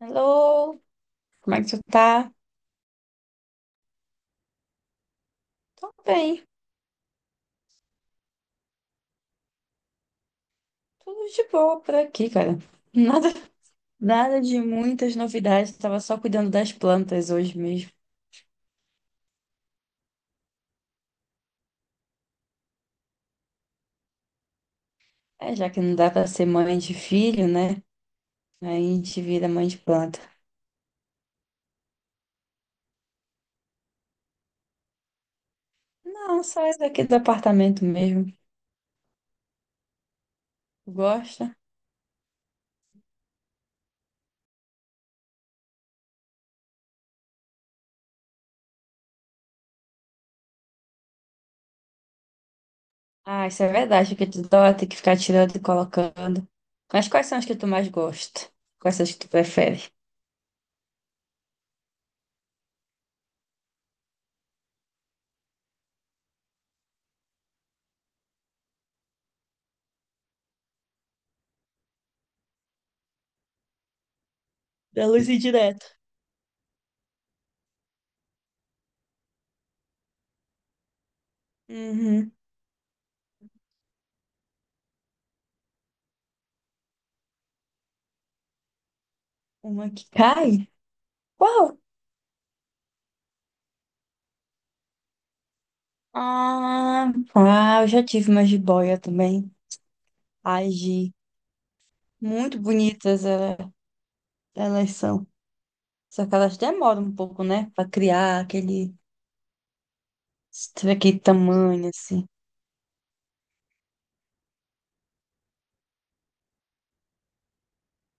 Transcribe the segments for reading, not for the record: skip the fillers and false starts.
Hello, como é que tu tá? Tô bem, tudo de boa por aqui, cara. Nada, nada de muitas novidades, tava só cuidando das plantas hoje mesmo. É, já que não dá pra ser mãe de filho, né? Aí a gente vira mãe de planta. Não, só isso aqui do apartamento mesmo. Gosta? Ah, isso é verdade, que tu dó, tem que ficar tirando e colocando. Mas quais são as que tu mais gosta? Quais são as que tu prefere? Da luz indireta. Uhum. Uma que cai? Qual? Ah, ah, eu já tive uma jiboia também. Ai, Gi, muito bonitas é, elas são. Só que elas demoram um pouco, né? Pra criar aquele tamanho, assim.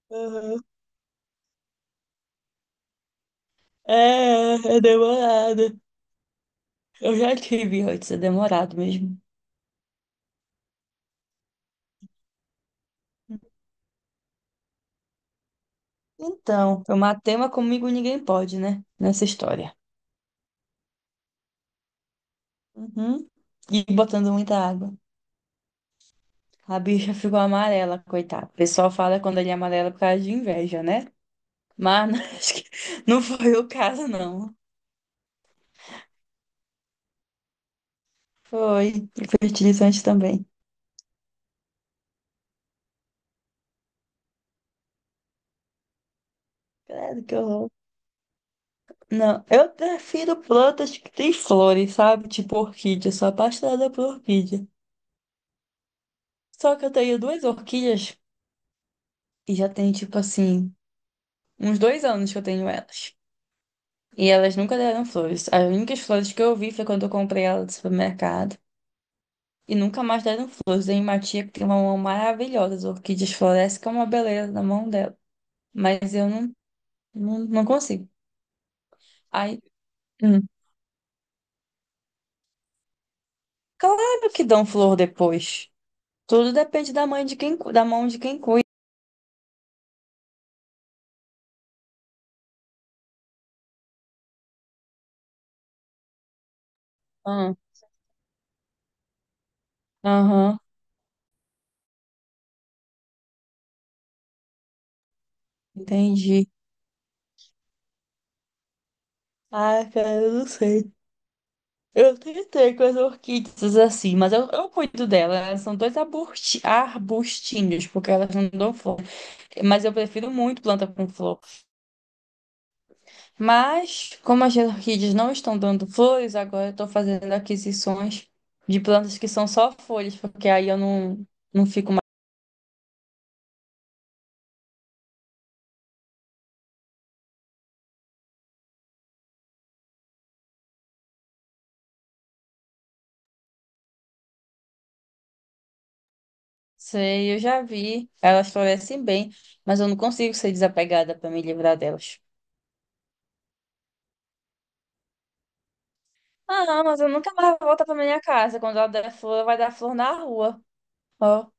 Aham. É, é demorado. Eu já tive antes, é demorado mesmo. Então, eu matei uma comigo ninguém pode, né? Nessa história. Uhum. E botando muita água. A bicha ficou amarela, coitada. O pessoal fala quando ele é amarelo por causa de inveja, né? Mas acho que não foi o caso, não. Foi fertilizante também. Credo que horror. Não, eu prefiro plantas que têm flores, sabe? Tipo orquídea, sou apaixonada por orquídea. Só que eu tenho duas orquídeas e já tem, tipo assim, uns 2 anos que eu tenho elas. E elas nunca deram flores. As únicas flores que eu vi foi quando eu comprei elas no supermercado. E nunca mais deram flores. Tem uma tia que tem uma mão maravilhosa. As orquídeas florescem que é uma beleza na mão dela. Mas eu não, não consigo. Aí, hum, claro que dão flor depois. Tudo depende da mãe de quem, da mão de quem cuida. Ah, aham, entendi. Ah, cara, eu não sei. Eu tentei com as orquídeas assim, mas eu cuido delas. Elas são dois arbustinhos, porque elas não dão flor. Mas eu prefiro muito planta com flor. Mas, como as orquídeas não estão dando flores, agora eu estou fazendo aquisições de plantas que são só folhas, porque aí eu não, não fico. Sei, eu já vi. Elas florescem bem, mas eu não consigo ser desapegada pra me livrar delas. Ah, não, mas eu nunca mais volto pra minha casa. Quando ela der flor, vai dar flor na rua. Ó.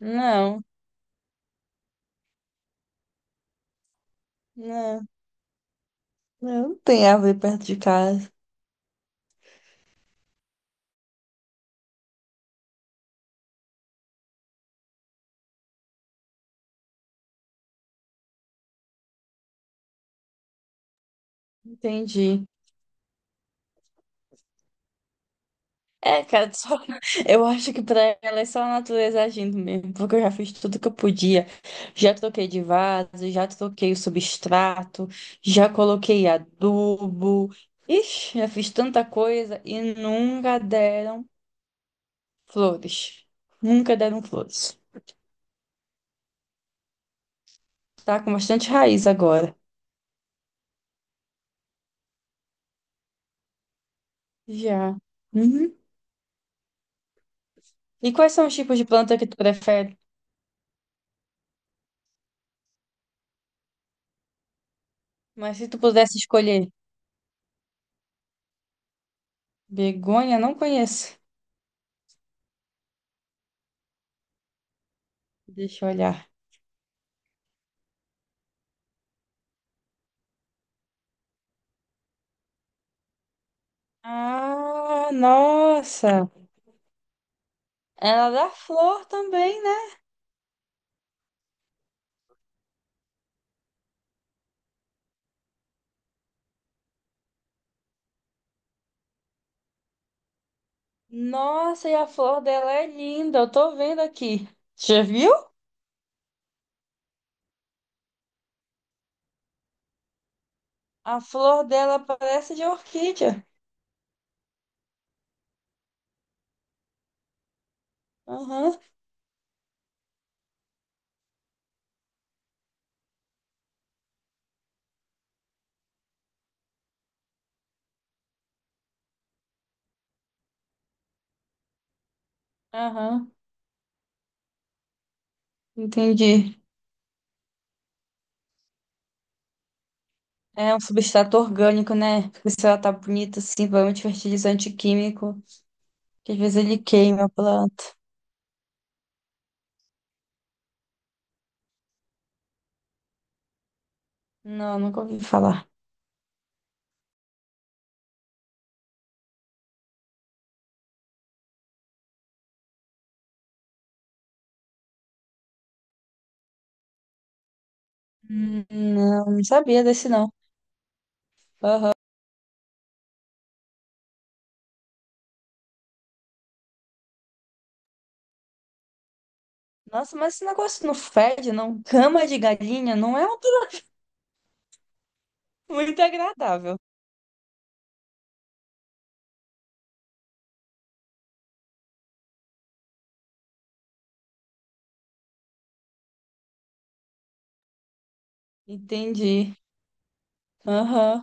Não, não, não, não tem árvore perto de casa. Entendi. É, cara, só eu acho que pra ela é só a natureza agindo mesmo, porque eu já fiz tudo que eu podia. Já troquei de vaso, já troquei o substrato, já coloquei adubo. Ixi, já fiz tanta coisa e nunca deram flores. Nunca deram flores. Tá com bastante raiz agora. Já. Uhum. E quais são os tipos de planta que tu prefere? Mas se tu pudesse escolher, begônia, não conheço. Deixa eu olhar. Ah, nossa. Ela é da flor também, né? Nossa, e a flor dela é linda. Eu tô vendo aqui. Já viu? A flor dela parece de orquídea. Aham, aham. Entendi. É um substrato orgânico, né? Porque se ela tá bonita assim, provavelmente fertilizante químico, que às vezes ele queima a planta. Não, nunca ouvi falar. Não, não sabia desse não. Ah, nossa, mas esse negócio não fede, não? Cama de galinha não é um muito agradável. Entendi. Aham.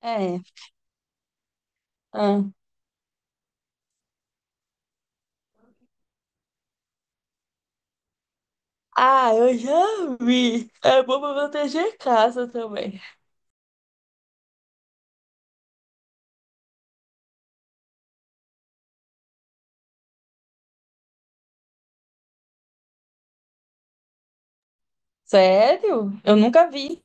É. Ah. Ah, eu já vi. É bom pra proteger casa também. Sério? Eu nunca vi.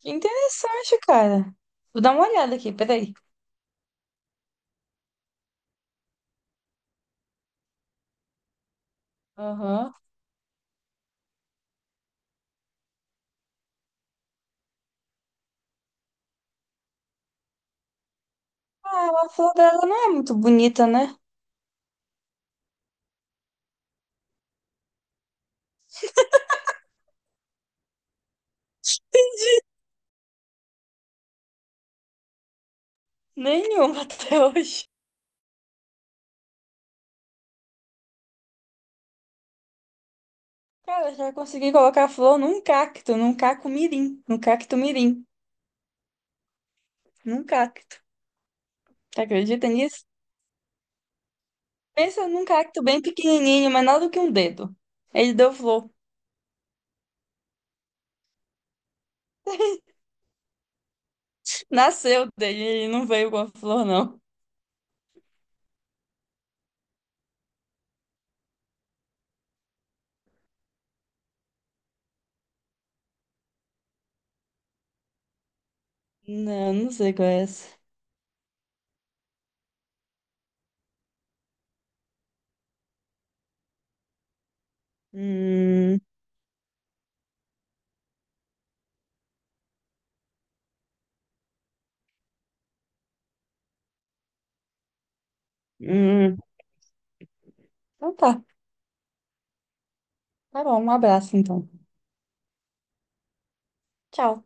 Que interessante, cara. Vou dar uma olhada aqui, peraí. Aham. Ah, a flor dela não é muito bonita, né? Nenhuma até hoje. Cara, já consegui colocar flor num cacto, num cacto mirim, num cacto. Você acredita nisso? Pensa num cacto bem pequenininho, menor do que um dedo. Ele deu flor. Nasceu dele, ele não veio com a flor, não. Não, não sei qual é essa. Hum, hum. Então tá. Tá bom, um abraço então. Tchau.